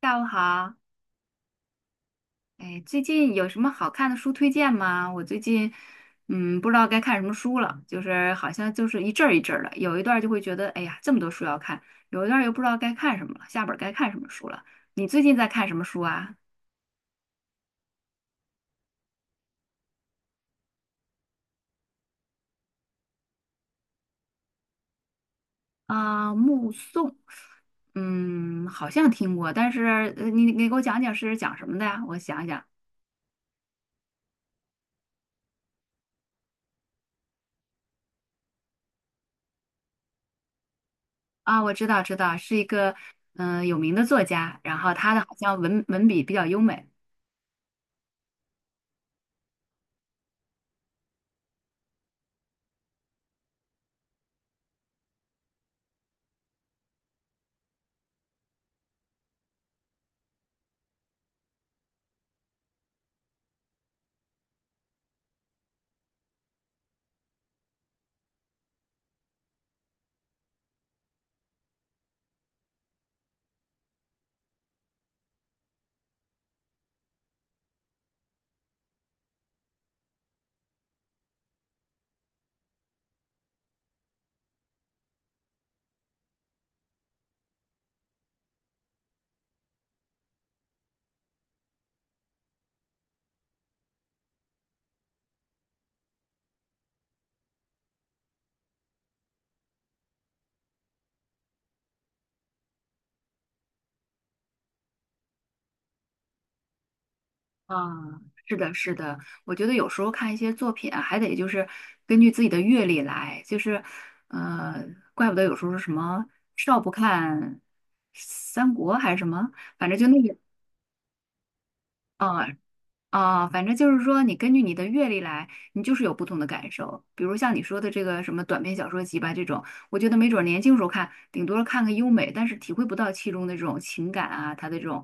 下午好，哎，最近有什么好看的书推荐吗？我最近，不知道该看什么书了，就是好像就是一阵儿一阵儿的，有一段儿就会觉得，哎呀，这么多书要看，有一段儿又不知道该看什么了，下本儿该看什么书了。你最近在看什么书啊？啊，目送，好像听过，但是你给我讲讲是讲什么的呀？我想想啊，我知道知道，是一个有名的作家，然后他的好像文笔比较优美。啊，是的，是的，我觉得有时候看一些作品啊还得就是根据自己的阅历来，就是，呃，怪不得有时候是什么少不看三国还是什么，反正就那个，啊、啊，反正就是说，你根据你的阅历来，你就是有不同的感受。比如像你说的这个什么短篇小说集吧，这种，我觉得没准儿年轻时候看，顶多看个优美，但是体会不到其中的这种情感啊，它的这种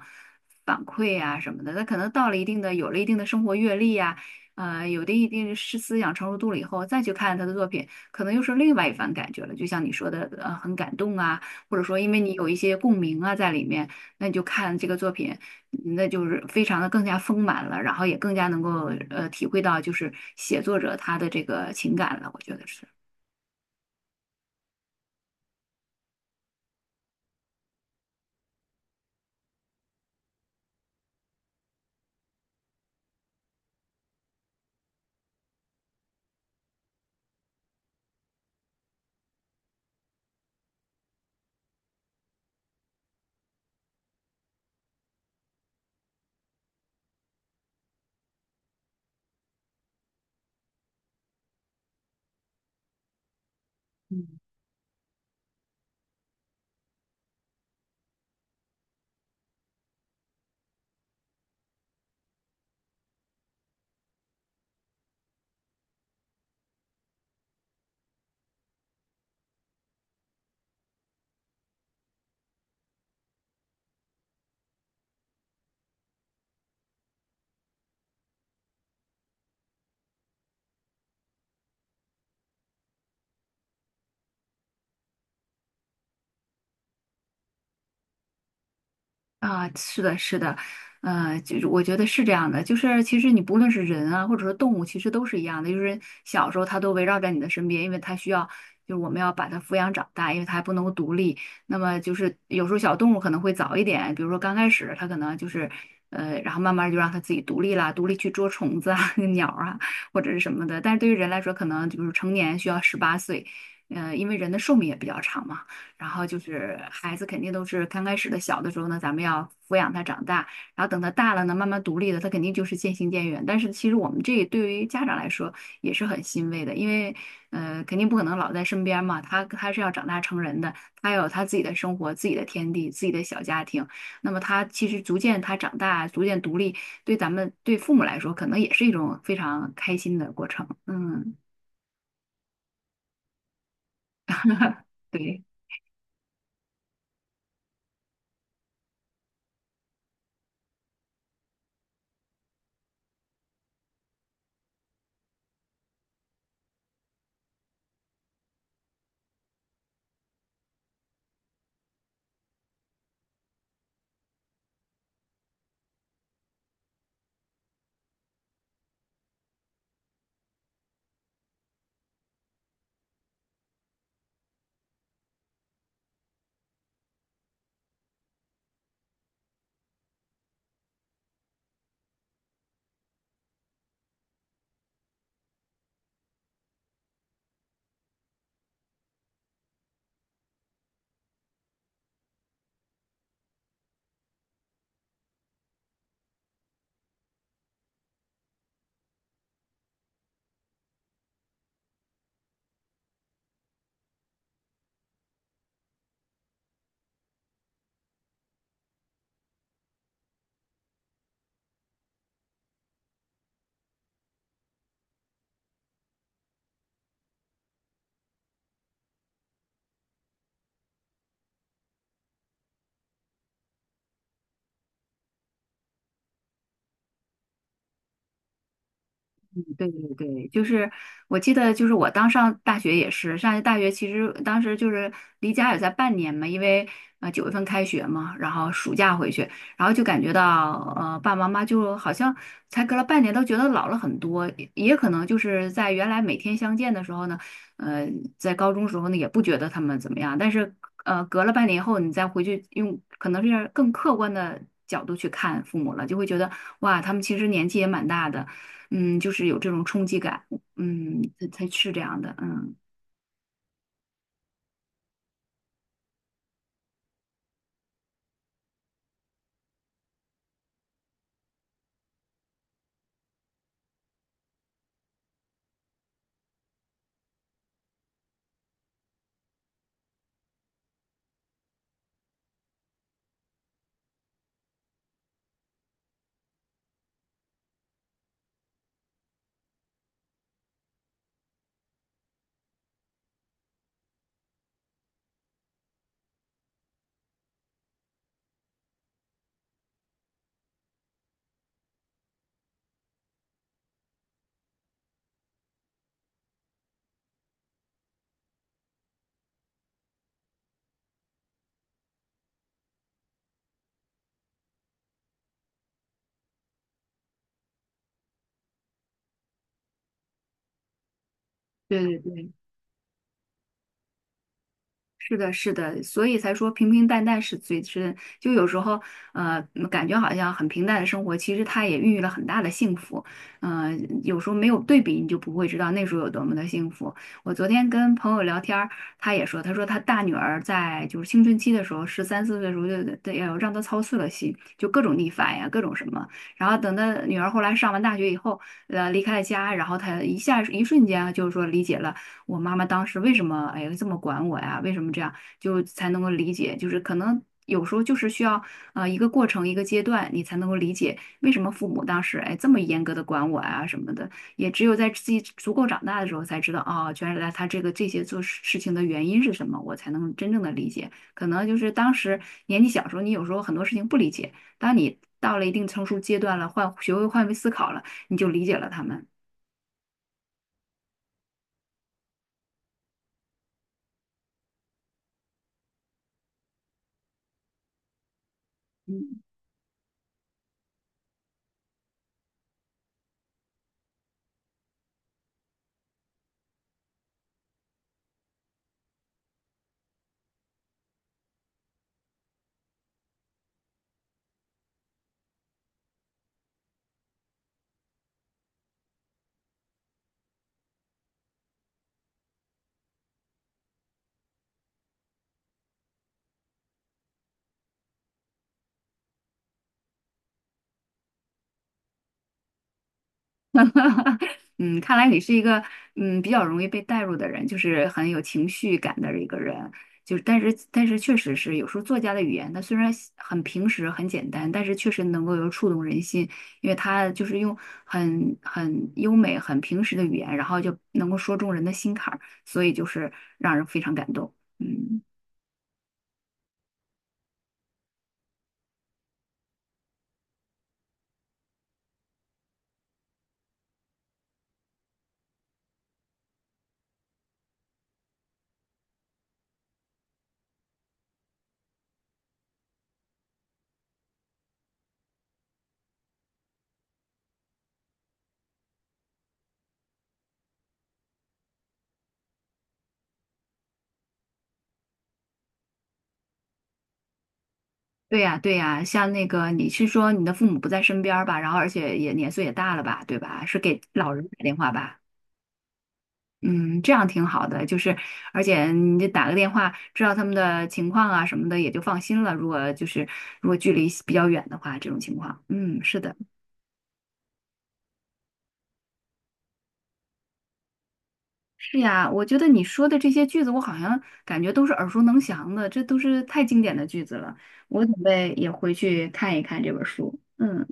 反馈啊什么的。那可能到了一定的，有了一定的生活阅历呀、有的一定的是思想成熟度了以后，再去看他的作品，可能又是另外一番感觉了。就像你说的，很感动啊，或者说因为你有一些共鸣啊在里面。那你就看这个作品，那就是非常的更加丰满了，然后也更加能够体会到就是写作者他的这个情感了，我觉得是。啊，是的，是的，就是我觉得是这样的，就是其实你不论是人啊，或者说动物，其实都是一样的，就是小时候它都围绕在你的身边，因为它需要，就是我们要把它抚养长大，因为它还不能够独立。那么就是有时候小动物可能会早一点，比如说刚开始它可能就是，然后慢慢就让它自己独立啦，独立去捉虫子啊、鸟儿啊或者是什么的。但是对于人来说，可能就是成年需要18岁，因为人的寿命也比较长嘛。然后就是孩子肯定都是刚开始的小的时候呢，咱们要抚养他长大，然后等他大了呢，慢慢独立了，他肯定就是渐行渐远。但是其实我们这对于家长来说也是很欣慰的，因为肯定不可能老在身边嘛，他是要长大成人的，他有他自己的生活、自己的天地、自己的小家庭。那么他其实逐渐他长大，逐渐独立，对咱们对父母来说，可能也是一种非常开心的过程。嗯，对。对对对，就是我记得，就是我当上大学也是，上大学其实当时就是离家也在半年嘛，因为九月份开学嘛，然后暑假回去，然后就感觉到爸爸妈妈就好像才隔了半年都觉得老了很多，也可能就是在原来每天相见的时候呢，呃在高中时候呢也不觉得他们怎么样，但是隔了半年以后你再回去用可能是更客观的角度去看父母了，就会觉得哇他们其实年纪也蛮大的。嗯，就是有这种冲击感，嗯，才是这样的，嗯，对对对。是的，是的，所以才说平平淡淡是最真。就有时候，感觉好像很平淡的生活，其实它也孕育了很大的幸福。呃，有时候没有对比，你就不会知道那时候有多么的幸福。我昨天跟朋友聊天儿，他也说，他说他大女儿在就是青春期的时候，十三四岁的时候就得要让她操碎了心，就各种逆反呀，各种什么。然后等他女儿后来上完大学以后，离开了家，然后他一下一瞬间啊就是说理解了。我妈妈当时为什么哎这么管我呀？为什么这样？就才能够理解，就是可能有时候就是需要一个过程一个阶段，你才能够理解为什么父母当时哎这么严格的管我呀什么的。也只有在自己足够长大的时候才知道啊，原来他这些事情的原因是什么，我才能真正的理解。可能就是当时年纪小时候，你有时候很多事情不理解，当你到了一定成熟阶段了，换学会换位思考了，你就理解了他们。嗯 嗯，看来你是一个比较容易被带入的人，就是很有情绪感的一个人。就是，但是确实是有时候作家的语言，他虽然很平实很简单，但是确实能够有触动人心，因为他就是用很优美、很平实的语言，然后就能够说中人的心坎儿，所以就是让人非常感动。嗯，对呀对呀，像那个你是说你的父母不在身边儿吧，然后而且也年岁也大了吧，对吧？是给老人打电话吧？嗯，这样挺好的，就是而且你就打个电话，知道他们的情况啊什么的，也就放心了。如果就是如果距离比较远的话，这种情况，嗯，是的，是呀，我觉得你说的这些句子，我好像感觉都是耳熟能详的，这都是太经典的句子了。我准备也回去看一看这本书。嗯，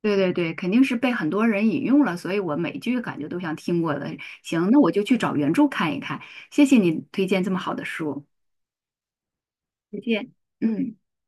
对对对，肯定是被很多人引用了，所以我每句感觉都像听过的。行，那我就去找原著看一看。谢谢你推荐这么好的书，再见。嗯。